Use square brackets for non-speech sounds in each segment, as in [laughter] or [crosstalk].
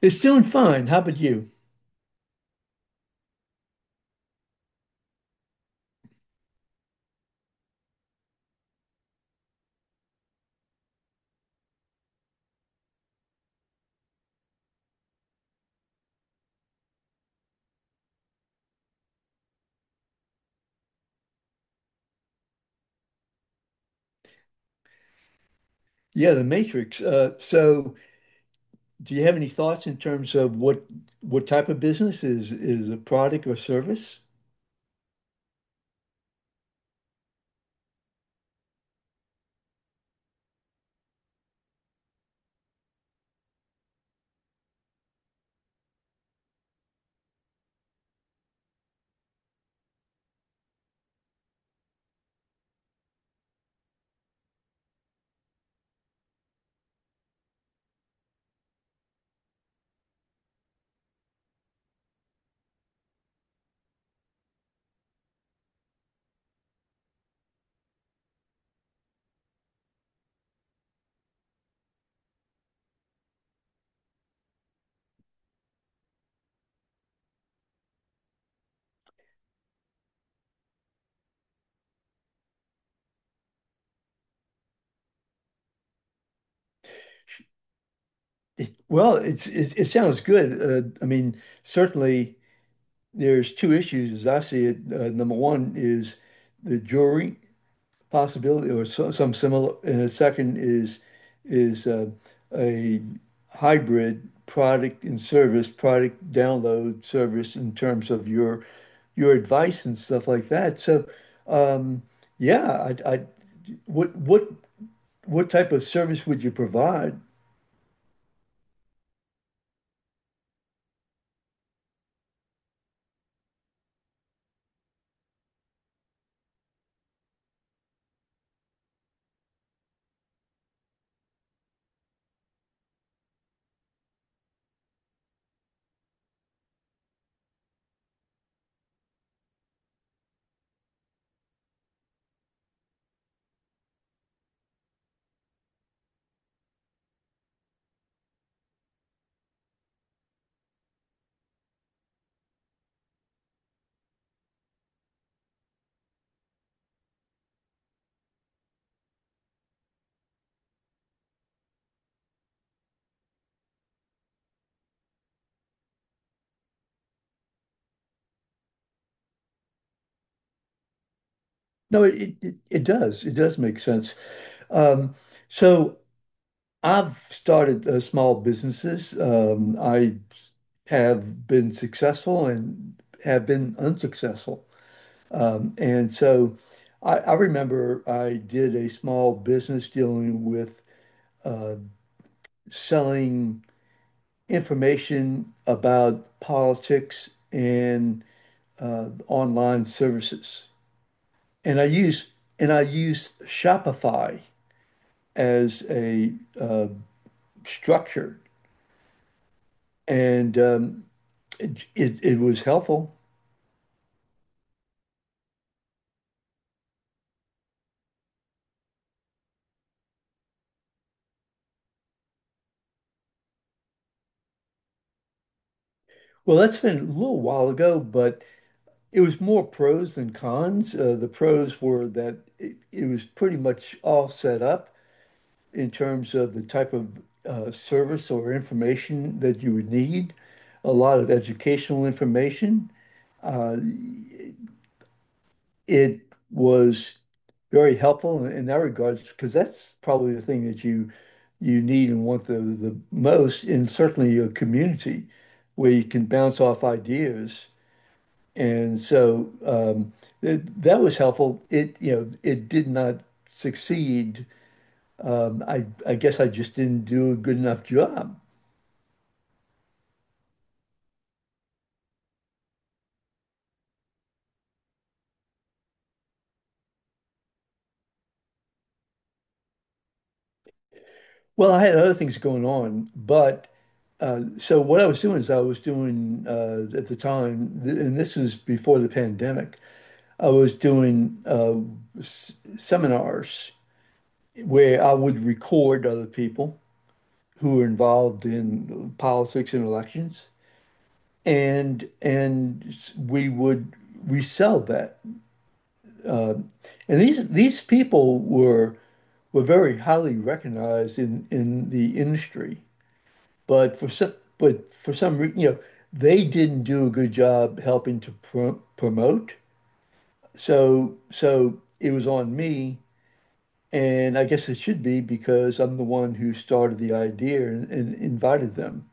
It's doing fine. How about you? Yeah, the Matrix. Do you have any thoughts in terms of what type of business is a product or service? Well, it sounds good. I mean, certainly there's two issues as I see it. Number one is the jury possibility or so, some similar. And a second is is uh, a hybrid product and service, product download service in terms of your advice and stuff like that. So, um, yeah, I what what what type of service would you provide? No, it does. It does make sense. Um, so I've started small businesses. I have been successful and have been unsuccessful. And so I remember I did a small business dealing with uh, selling information about politics and online services. And I used Shopify as a uh, structure. And It, it it was helpful. Well, that's been a little while ago, but it was more pros than cons. The pros were that it was pretty much all set up in terms of the type of service or information that you would need, a lot of educational information. Uh, it was very helpful in that regard because that's probably the thing that you need and want the most in certainly your community where you can bounce off ideas. And so th that was helpful. It, you know, it did not succeed. I guess I just didn't do a good enough job. Well, I had other things going on, but so what I was doing is I was doing at the time, th and this was before the pandemic, I was doing s seminars where I would record other people who were involved in politics and elections. And we would resell that. And these people were very highly recognized in the industry, but for some reason, you know, they didn't do a good job helping to promote. So it was on me, and I guess it should be because I'm the one who started the idea and invited them.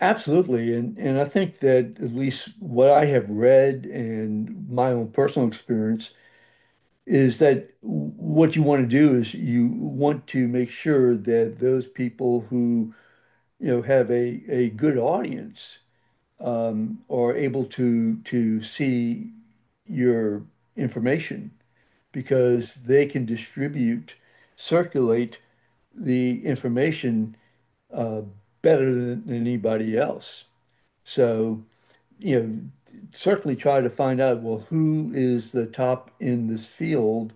Absolutely. And I think that at least what I have read and my own personal experience is that what you want to do is you want to make sure that those people who, you know, have a good audience are able to see your information because they can distribute, circulate the information uh, better than anybody else. So you know, certainly try to find out, well, who is the top in this field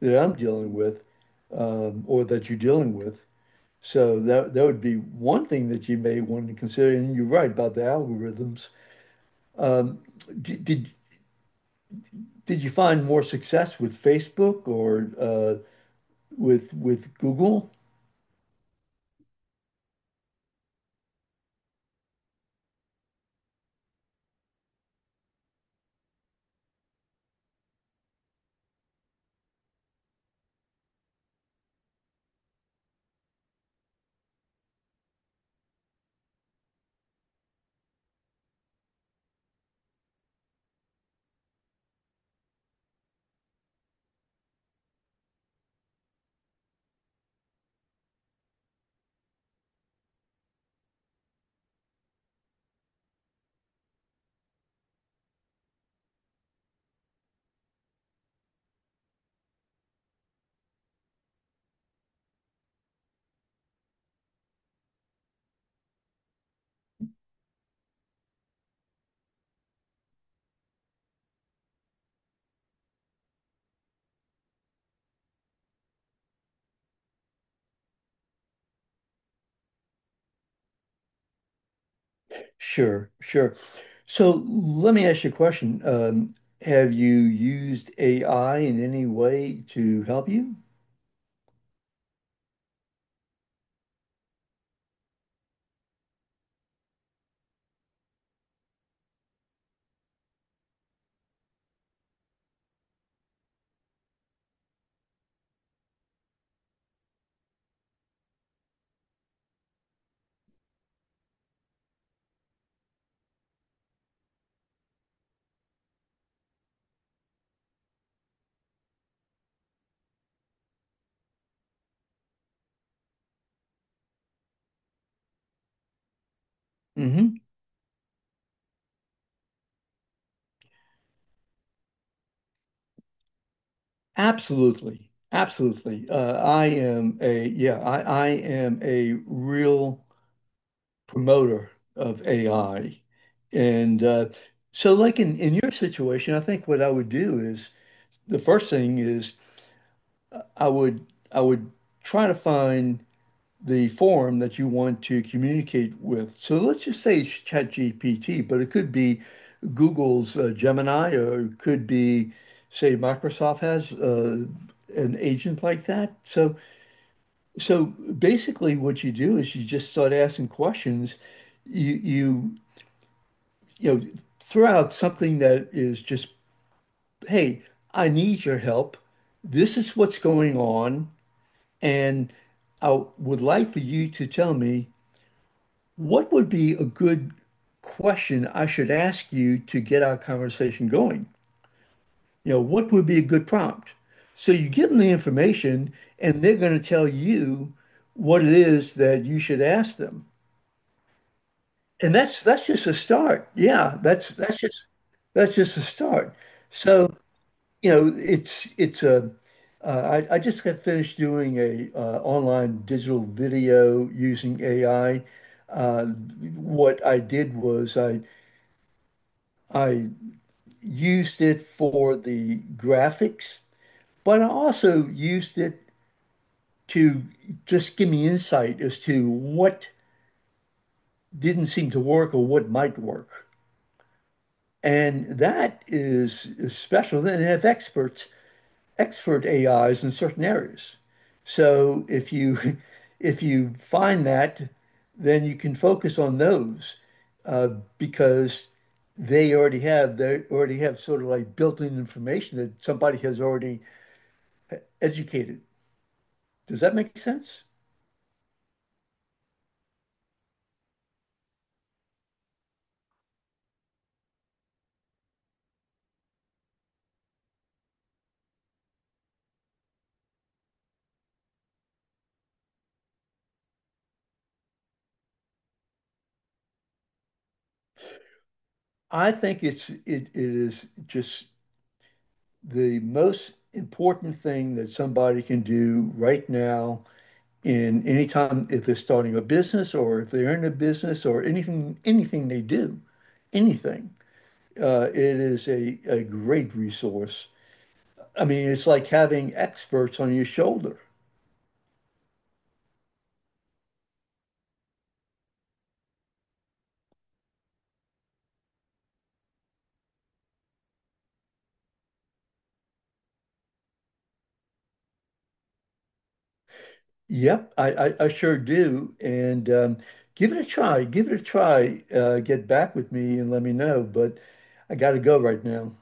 that I'm dealing with, or that you're dealing with. So that would be one thing that you may want to consider. And you're right about the algorithms. Did did, did you find more success with Facebook or with Google? Sure, sure. So let me ask you a question. Have you used AI in any way to help you? Hmm. Absolutely. Absolutely. I am a real promoter of AI. And so like in your situation, I think what I would do is the first thing is I would I would try to find the forum that you want to communicate with. So let's just say it's ChatGPT, but it could be Google's Gemini or it could be say Microsoft has an agent like that. So basically, what you do is you just start asking questions. You you you know, throw out something that is just, hey, I need your help. This is what's going on, and I would like for you to tell me what would be a good question I should ask you to get our conversation going. You know, what would be a good prompt? So you give them the information, and they're going to tell you what it is that you should ask them. And that's just a start. Yeah, that's just a start. So, you know, it's a I just got finished doing a online digital video using AI. Uh, what I did was I used it for the graphics, but I also used it to just give me insight as to what didn't seem to work or what might work. And that is special. Then they have experts, expert AIs in certain areas. So if you [laughs] if you find that, then you can focus on those uh, because they already have sort of like built-in information that somebody has already educated. Does that make sense? I think it is just the most important thing that somebody can do right now in any time if they're starting a business or if they're in a business or anything, anything they do, anything. It is a great resource. I mean, it's like having experts on your shoulder. Yep, I sure do. And Give it a try. Give it a try. Get back with me and let me know. But I got to go right now.